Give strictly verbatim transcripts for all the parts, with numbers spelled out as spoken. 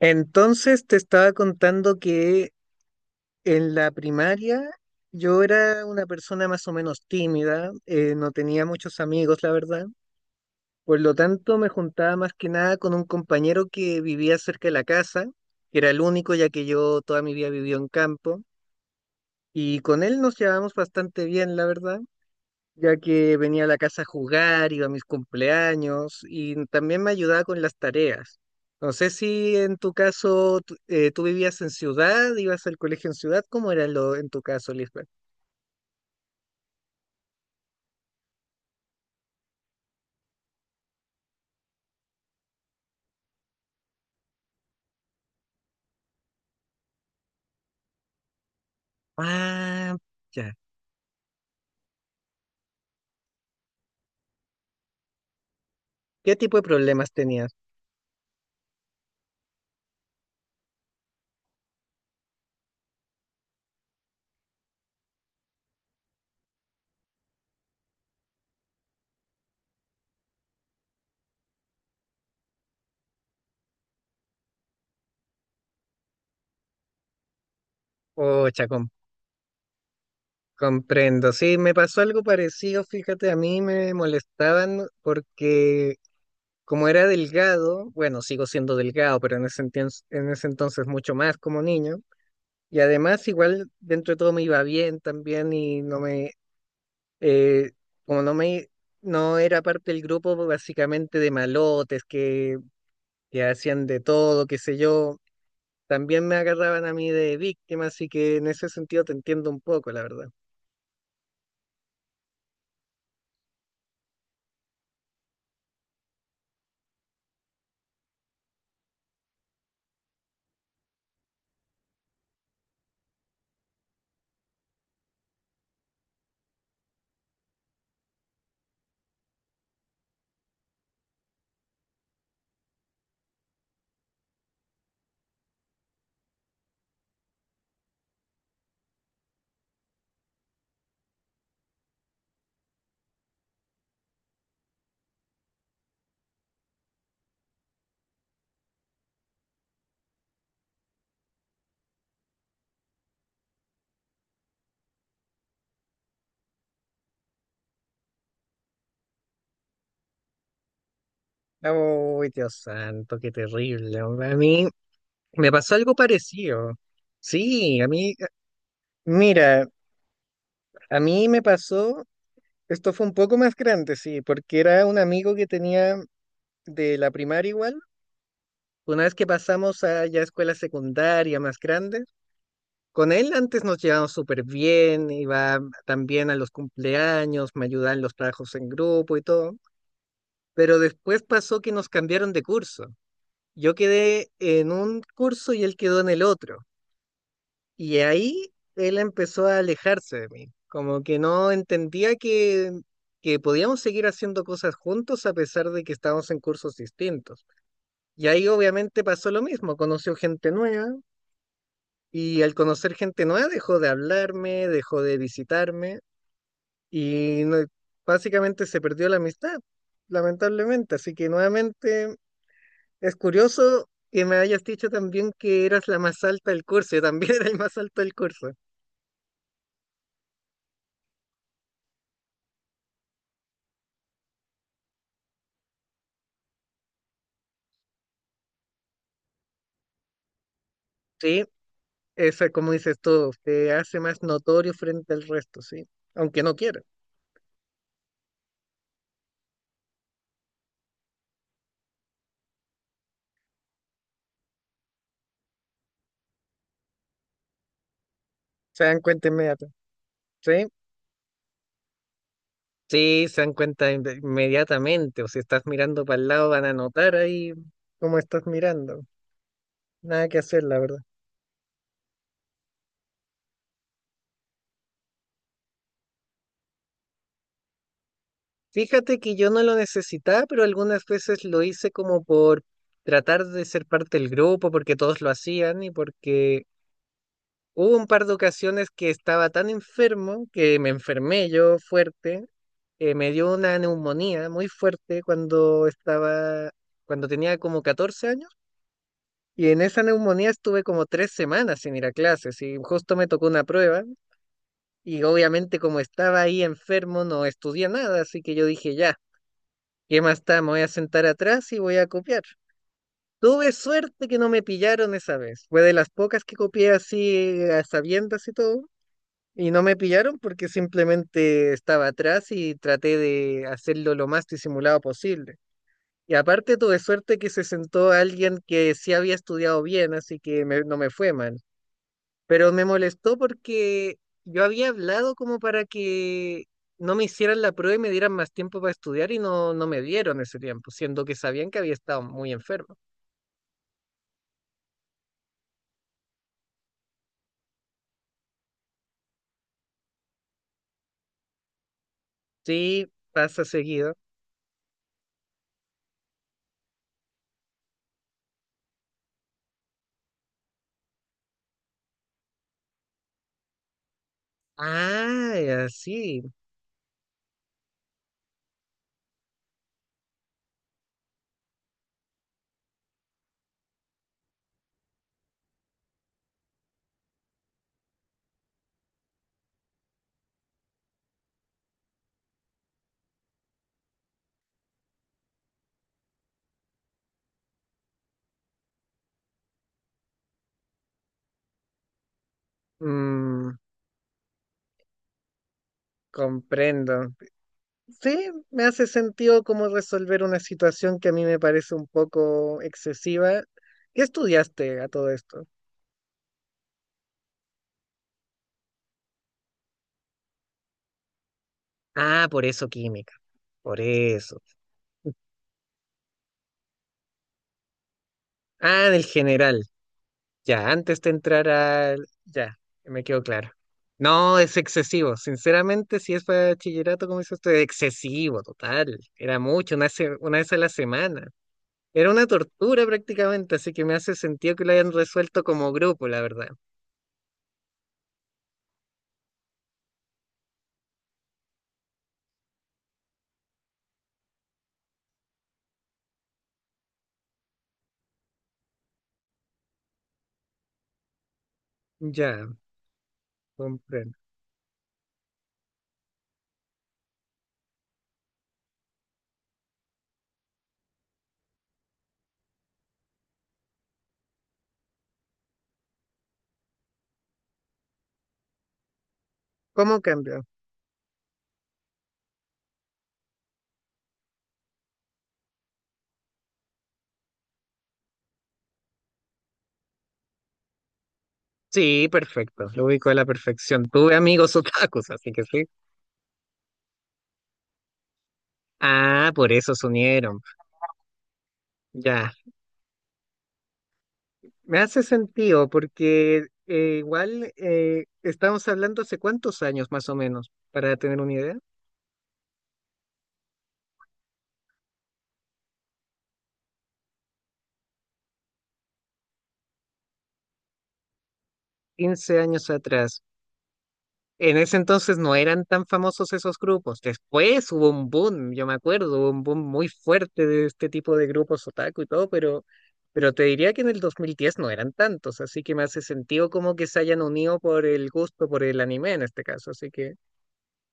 Entonces te estaba contando que en la primaria yo era una persona más o menos tímida, eh, no tenía muchos amigos, la verdad. Por lo tanto, me juntaba más que nada con un compañero que vivía cerca de la casa, que era el único, ya que yo toda mi vida viví en campo, y con él nos llevábamos bastante bien, la verdad, ya que venía a la casa a jugar, iba a mis cumpleaños y también me ayudaba con las tareas. No sé si en tu caso tú, eh, tú vivías en ciudad, ibas al colegio en ciudad, ¿cómo era lo en tu caso, Lisbeth? Ah, ya. ¿Qué tipo de problemas tenías? Oh, chacón. Comprendo, sí, me pasó algo parecido, fíjate, a mí me molestaban porque como era delgado, bueno, sigo siendo delgado, pero en ese entien- en ese entonces mucho más como niño. Y además, igual dentro de todo me iba bien también y no me, eh, como no me, no era parte del grupo básicamente de malotes que, que hacían de todo, qué sé yo, también me agarraban a mí de víctima, así que en ese sentido te entiendo un poco, la verdad. Uy, Dios santo, qué terrible, hombre. A mí me pasó algo parecido. Sí, a mí, mira, a mí me pasó, esto fue un poco más grande, sí, porque era un amigo que tenía de la primaria igual. Una vez que pasamos a ya escuela secundaria más grande, con él antes nos llevamos súper bien, iba también a los cumpleaños, me ayudaba en los trabajos en grupo y todo, pero después pasó que nos cambiaron de curso. Yo quedé en un curso y él quedó en el otro, y ahí él empezó a alejarse de mí, como que no entendía que, que podíamos seguir haciendo cosas juntos a pesar de que estábamos en cursos distintos. Y ahí obviamente pasó lo mismo, conoció gente nueva. Y al conocer gente nueva dejó de hablarme, dejó de visitarme y no- básicamente se perdió la amistad, lamentablemente. Así que nuevamente es curioso que me hayas dicho también que eras la más alta del curso. Yo también era el más alto del curso. Sí, eso, como dices tú, te hace más notorio frente al resto, sí. Aunque no quiera. Se dan cuenta inmediatamente. Sí, sí, se dan cuenta inve- inmediatamente. O si estás mirando para el lado van a notar ahí cómo estás mirando. Nada que hacer, la verdad. Fíjate que yo no lo necesitaba, pero algunas veces lo hice como por tratar de ser parte del grupo, porque todos lo hacían y porque hubo un par de ocasiones que estaba tan enfermo que me enfermé yo fuerte. Eh, me dio una neumonía muy fuerte cuando estaba, cuando tenía como catorce años. Y en esa neumonía estuve como tres semanas sin ir a clases y justo me tocó una prueba. Y obviamente como estaba ahí enfermo no estudié nada, así que yo dije, ya, ¿qué más está? Me voy a sentar atrás y voy a copiar. Tuve suerte que no me pillaron esa vez. Fue de las pocas que copié así a sabiendas y todo. Y no me pillaron porque simplemente estaba atrás y traté de hacerlo lo más disimulado posible. Y aparte tuve suerte que se sentó alguien que sí había estudiado bien, así que me- no me fue mal. Pero me molestó porque yo había hablado como para que no me hicieran la prueba y me dieran más tiempo para estudiar y no, no me dieron ese tiempo, siendo que sabían que había estado muy enfermo. Sí, pasa seguido. Ah, ya, sí. Mm, comprendo. Sí, me hace sentido como resolver una situación que a mí me parece un poco excesiva. ¿Qué estudiaste a todo esto? Ah, por eso química, por eso. Ah, del general. Ya, antes de entrar al... Ya, me quedó claro. No, es excesivo. Sinceramente, si es para bachillerato, como dice usted, excesivo, total. Era mucho, una, se- una vez a la semana. Era una tortura prácticamente, así que me hace sentido que lo hayan resuelto como grupo, la verdad. Ya, comprendo. ¿Cómo cambió? Sí, perfecto. Lo ubico a la perfección. Tuve amigos otakus, así que sí. Ah, por eso se unieron. Ya. Me hace sentido porque eh, igual eh, estamos hablando hace cuántos años más o menos, para tener una idea, quince años atrás. En ese entonces no eran tan famosos esos grupos. Después hubo un boom, yo me acuerdo, hubo un boom muy fuerte de este tipo de grupos otaku y todo, pero, pero te diría que en el dos mil diez no eran tantos, así que me hace sentido como que se hayan unido por el gusto, por el anime en este caso, así que...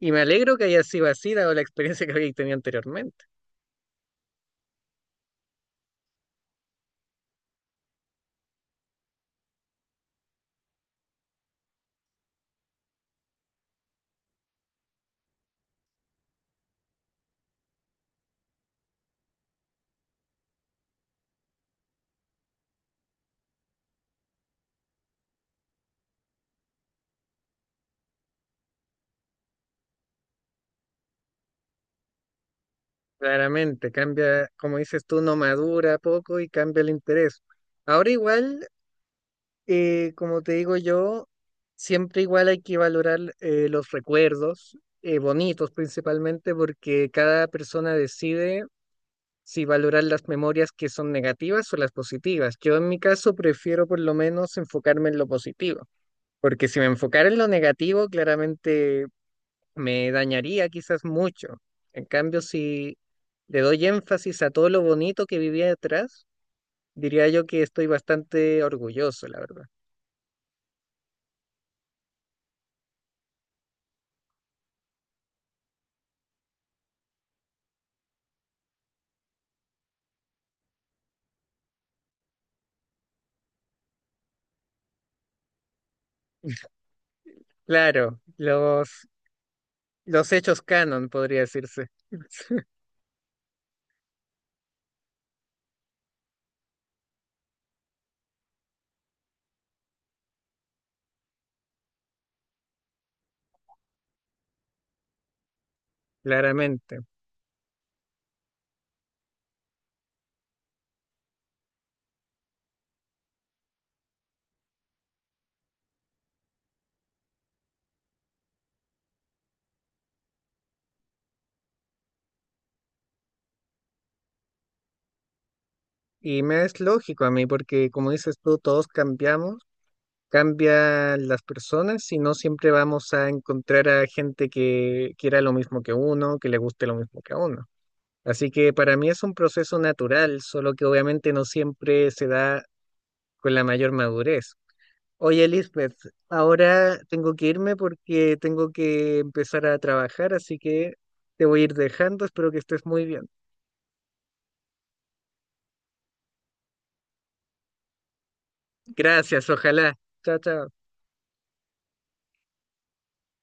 Y me alegro que haya sido así, dado la experiencia que había tenido anteriormente. Claramente, cambia, como dices tú, no madura poco y cambia el interés. Ahora igual, eh, como te digo yo, siempre igual hay que valorar eh, los recuerdos, eh, bonitos principalmente, porque cada persona decide si valorar las memorias que son negativas o las positivas. Yo en mi caso prefiero por lo menos enfocarme en lo positivo, porque si me enfocara en lo negativo, claramente me dañaría quizás mucho. En cambio, si le doy énfasis a todo lo bonito que vivía detrás, diría yo que estoy bastante orgulloso, la verdad. Claro, los, los hechos canon, podría decirse, claramente. Y me es lógico a mí, porque como dices tú, todos cambiamos, cambian las personas y no siempre vamos a encontrar a gente que quiera lo mismo que uno, que le guste lo mismo que a uno. Así que para mí es un proceso natural, solo que obviamente no siempre se da con la mayor madurez. Oye, Lisbeth, ahora tengo que irme porque tengo que empezar a trabajar, así que te voy a ir dejando. Espero que estés muy bien. Gracias, ojalá. Chao, chao.